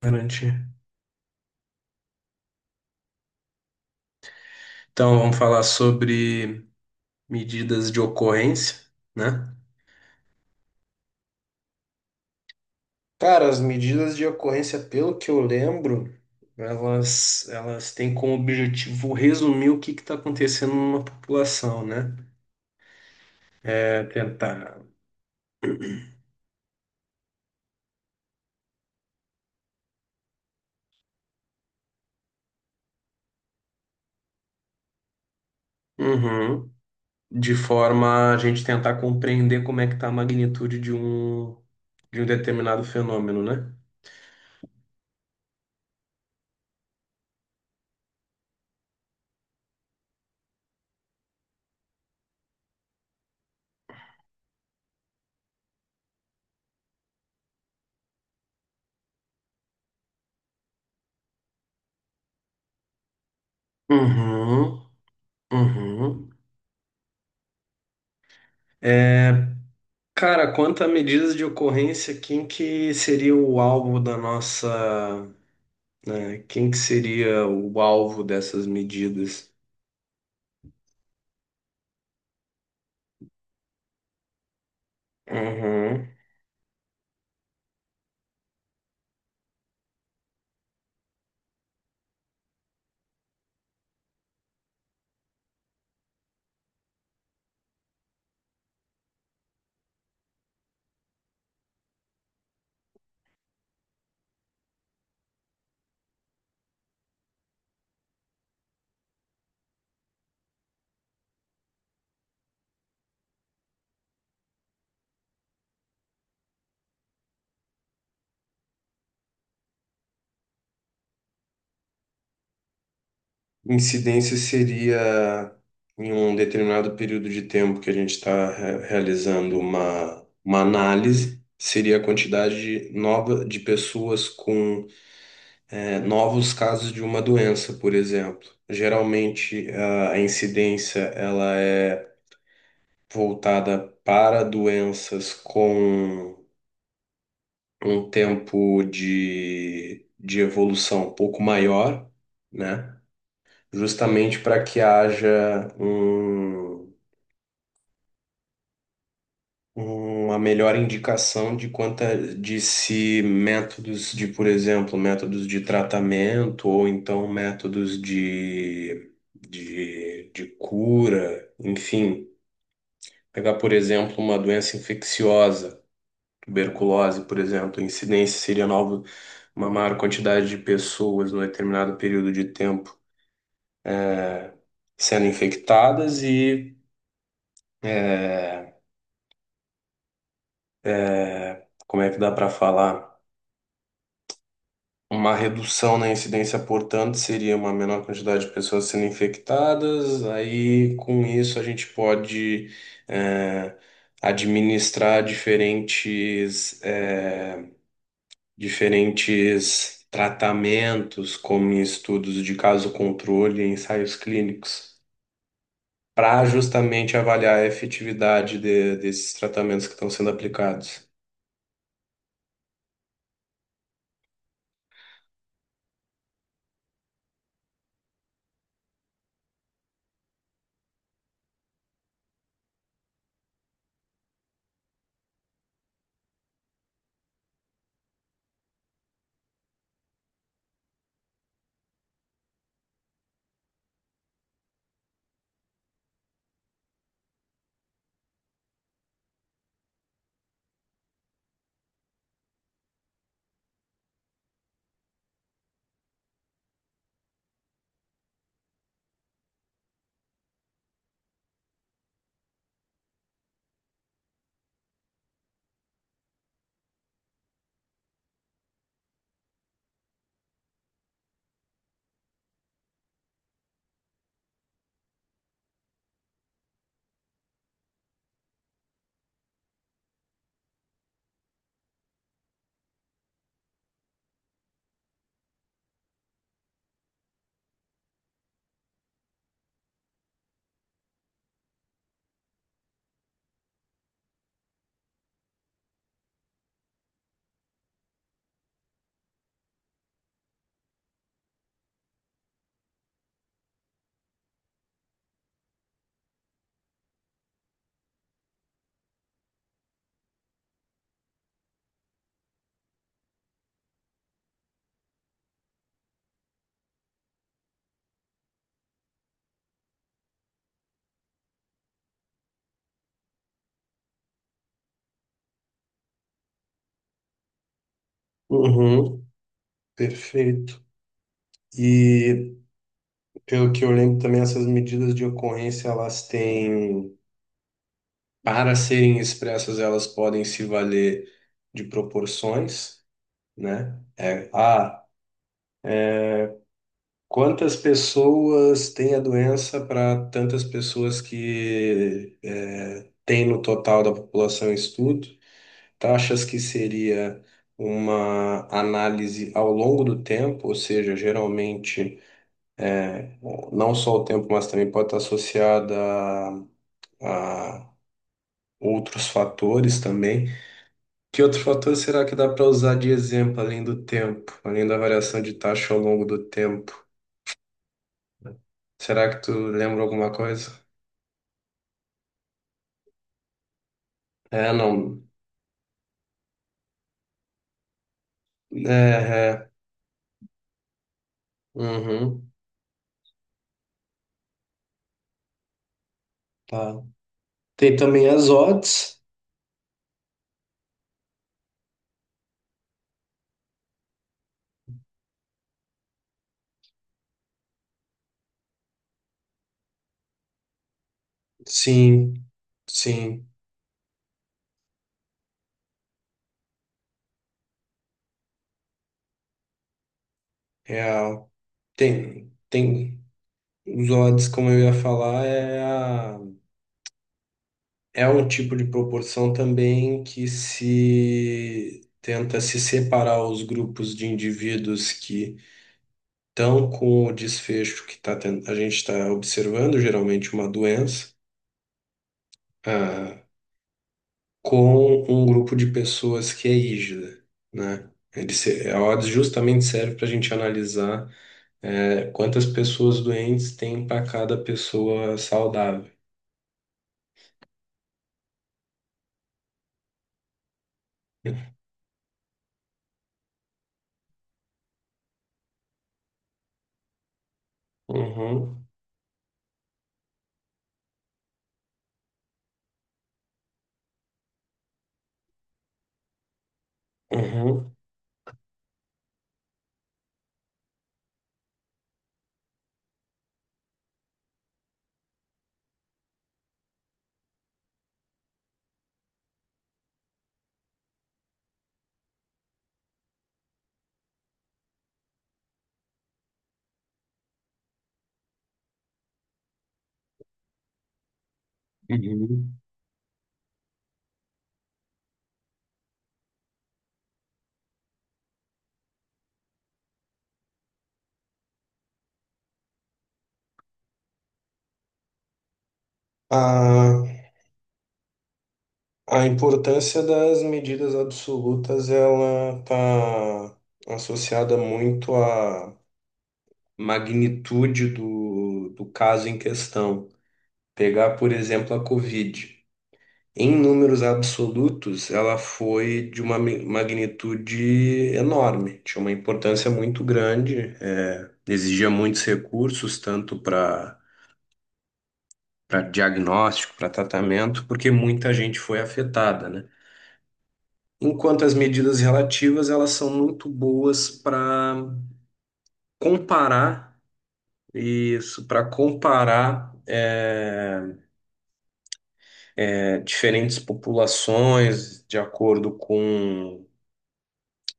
Garantir. Então, vamos falar sobre medidas de ocorrência, né? Cara, as medidas de ocorrência, pelo que eu lembro, elas têm como objetivo resumir o que está acontecendo numa população, né? É tentar. Uhum. De forma a gente tentar compreender como é que está a magnitude de um determinado fenômeno, né? Uhum. Uhum. Cara, quanto à medidas de ocorrência, quem que seria o alvo da nossa, né, quem que seria o alvo dessas medidas? Uhum. Incidência seria em um determinado período de tempo que a gente está realizando uma análise, seria a quantidade de nova de pessoas com novos casos de uma doença, por exemplo. Geralmente, a incidência ela é voltada para doenças com um tempo de evolução um pouco maior, né? Justamente para que haja um, uma melhor indicação de quanta de se métodos de, por exemplo, métodos de tratamento ou então métodos de cura, enfim. Pegar, por exemplo, uma doença infecciosa tuberculose, por exemplo, a incidência seria nova, uma maior quantidade de pessoas num determinado período de tempo sendo infectadas e, como é que dá para falar? Uma redução na incidência, portanto, seria uma menor quantidade de pessoas sendo infectadas, aí com isso a gente pode é, administrar diferentes tratamentos, como em estudos de caso controle e ensaios clínicos, para justamente avaliar a efetividade desses tratamentos que estão sendo aplicados. Uhum, perfeito. E pelo que eu lembro também, essas medidas de ocorrência, elas têm, para serem expressas, elas podem se valer de proporções, né? Quantas pessoas têm a doença para tantas pessoas que tem no total da população em estudo? Taxas que seria uma análise ao longo do tempo, ou seja, geralmente não só o tempo, mas também pode estar associada a, a outros fatores também. Que outro fator será que dá para usar de exemplo além do tempo, além da variação de taxa ao longo do tempo? Será que tu lembra alguma coisa? É, não. É, é. Uhum, tá. Tem também as odds. Sim, sim, real. Tem, tem. Os odds, como eu ia falar, é um tipo de proporção também que se tenta se separar os grupos de indivíduos que estão com o desfecho a gente está observando, geralmente uma doença, ah, com um grupo de pessoas que é hígida, né? Ele se, a odds justamente serve para a gente analisar, quantas pessoas doentes tem para cada pessoa saudável. Uhum. Uhum, uhum. A, a importância das medidas absolutas ela está associada muito à magnitude do caso em questão. Pegar, por exemplo, a Covid. Em números absolutos, ela foi de uma magnitude enorme, tinha uma importância muito grande, exigia muitos recursos, tanto para diagnóstico, para tratamento, porque muita gente foi afetada, né? Enquanto as medidas relativas, elas são muito boas para comparar isso, para comparar diferentes populações de acordo com,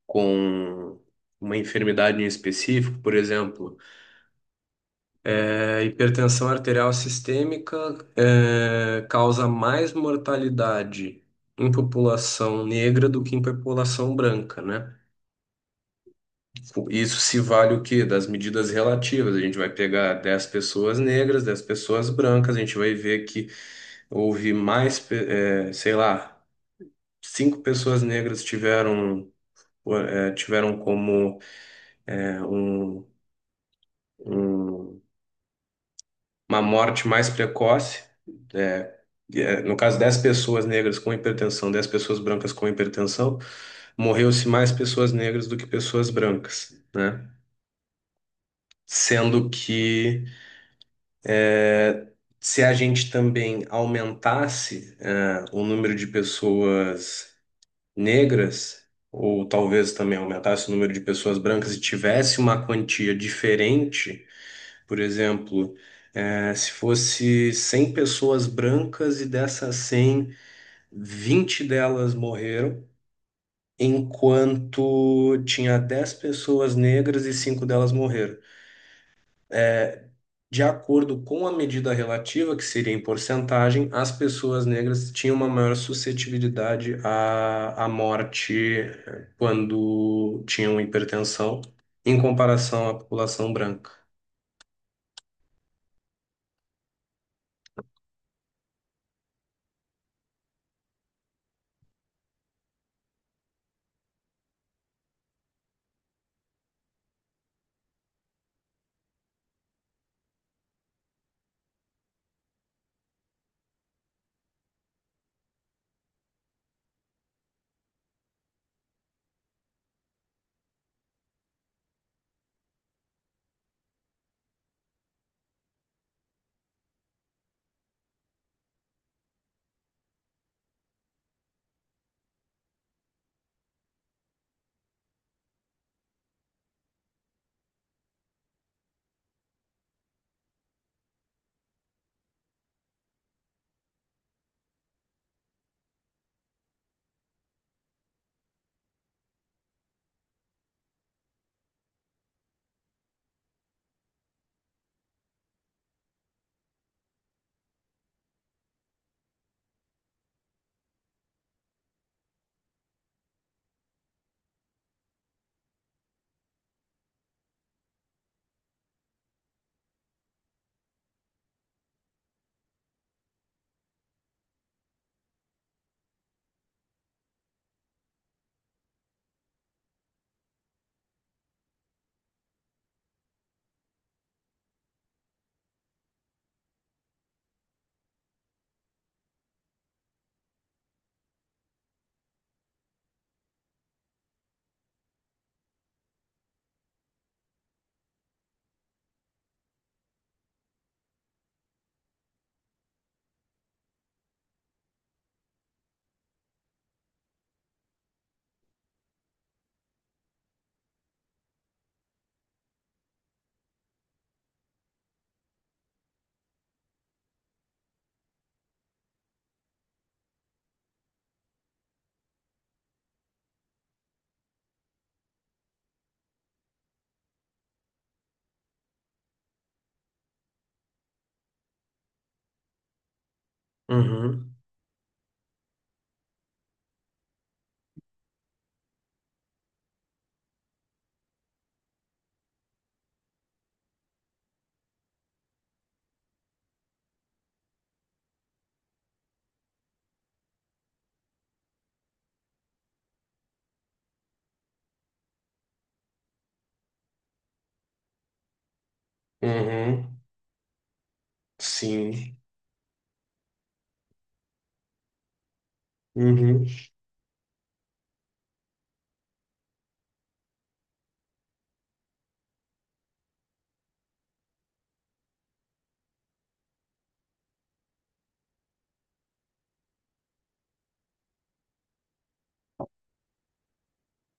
com uma enfermidade em específico, por exemplo. A hipertensão arterial sistêmica causa mais mortalidade em população negra do que em população branca, né? Isso se vale o quê? Das medidas relativas. A gente vai pegar 10 pessoas negras, 10 pessoas brancas, a gente vai ver que houve mais, sei lá, 5 pessoas negras tiveram como eh, um, um- uma morte mais precoce. eh, no caso, 10 pessoas negras com hipertensão, 10 pessoas brancas com hipertensão, morreu-se mais pessoas negras do que pessoas brancas, né? Sendo que se a gente também aumentasse, o número de pessoas negras, ou talvez também aumentasse o número de pessoas brancas e tivesse uma quantia diferente, por exemplo, se fosse 100 pessoas brancas e dessas 100, 20 delas morreram, enquanto tinha 10 pessoas negras e 5 delas morreram. De acordo com a medida relativa, que seria em porcentagem, as pessoas negras tinham uma maior suscetibilidade à morte quando tinham hipertensão, em comparação à população branca. Uhum, uhum, sim, uhum,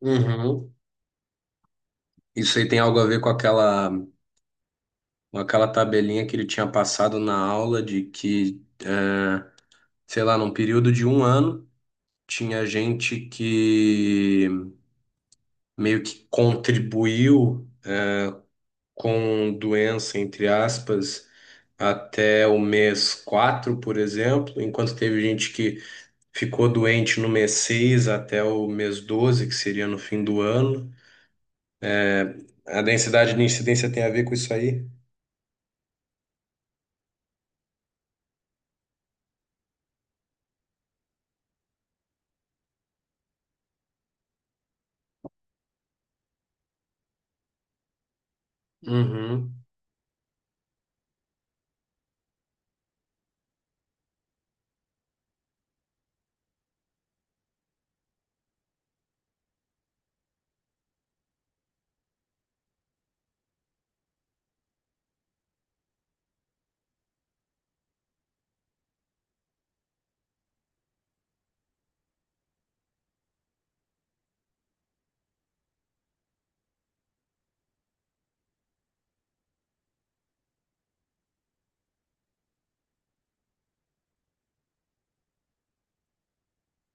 uhum. Isso aí tem algo a ver com aquela, tabelinha que ele tinha passado na aula de que sei lá, num período de um ano, tinha gente que meio que contribuiu com doença, entre aspas, até o mês quatro, por exemplo, enquanto teve gente que ficou doente no mês 6 até o mês 12, que seria no fim do ano. A densidade de incidência tem a ver com isso aí? Uhum,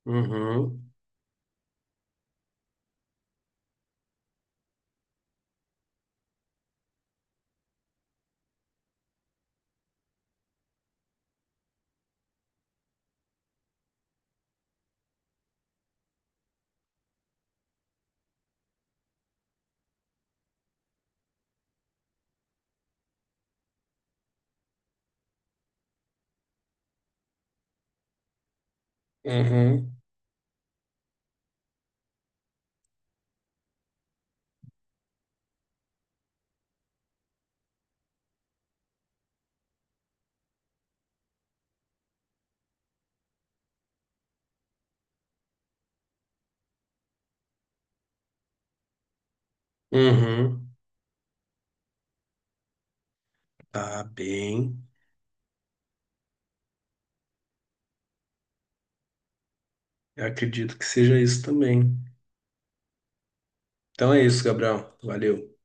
uhum, uhum, uhum. Tá bem. Eu acredito que seja isso também. Então é isso, Gabriel. Valeu.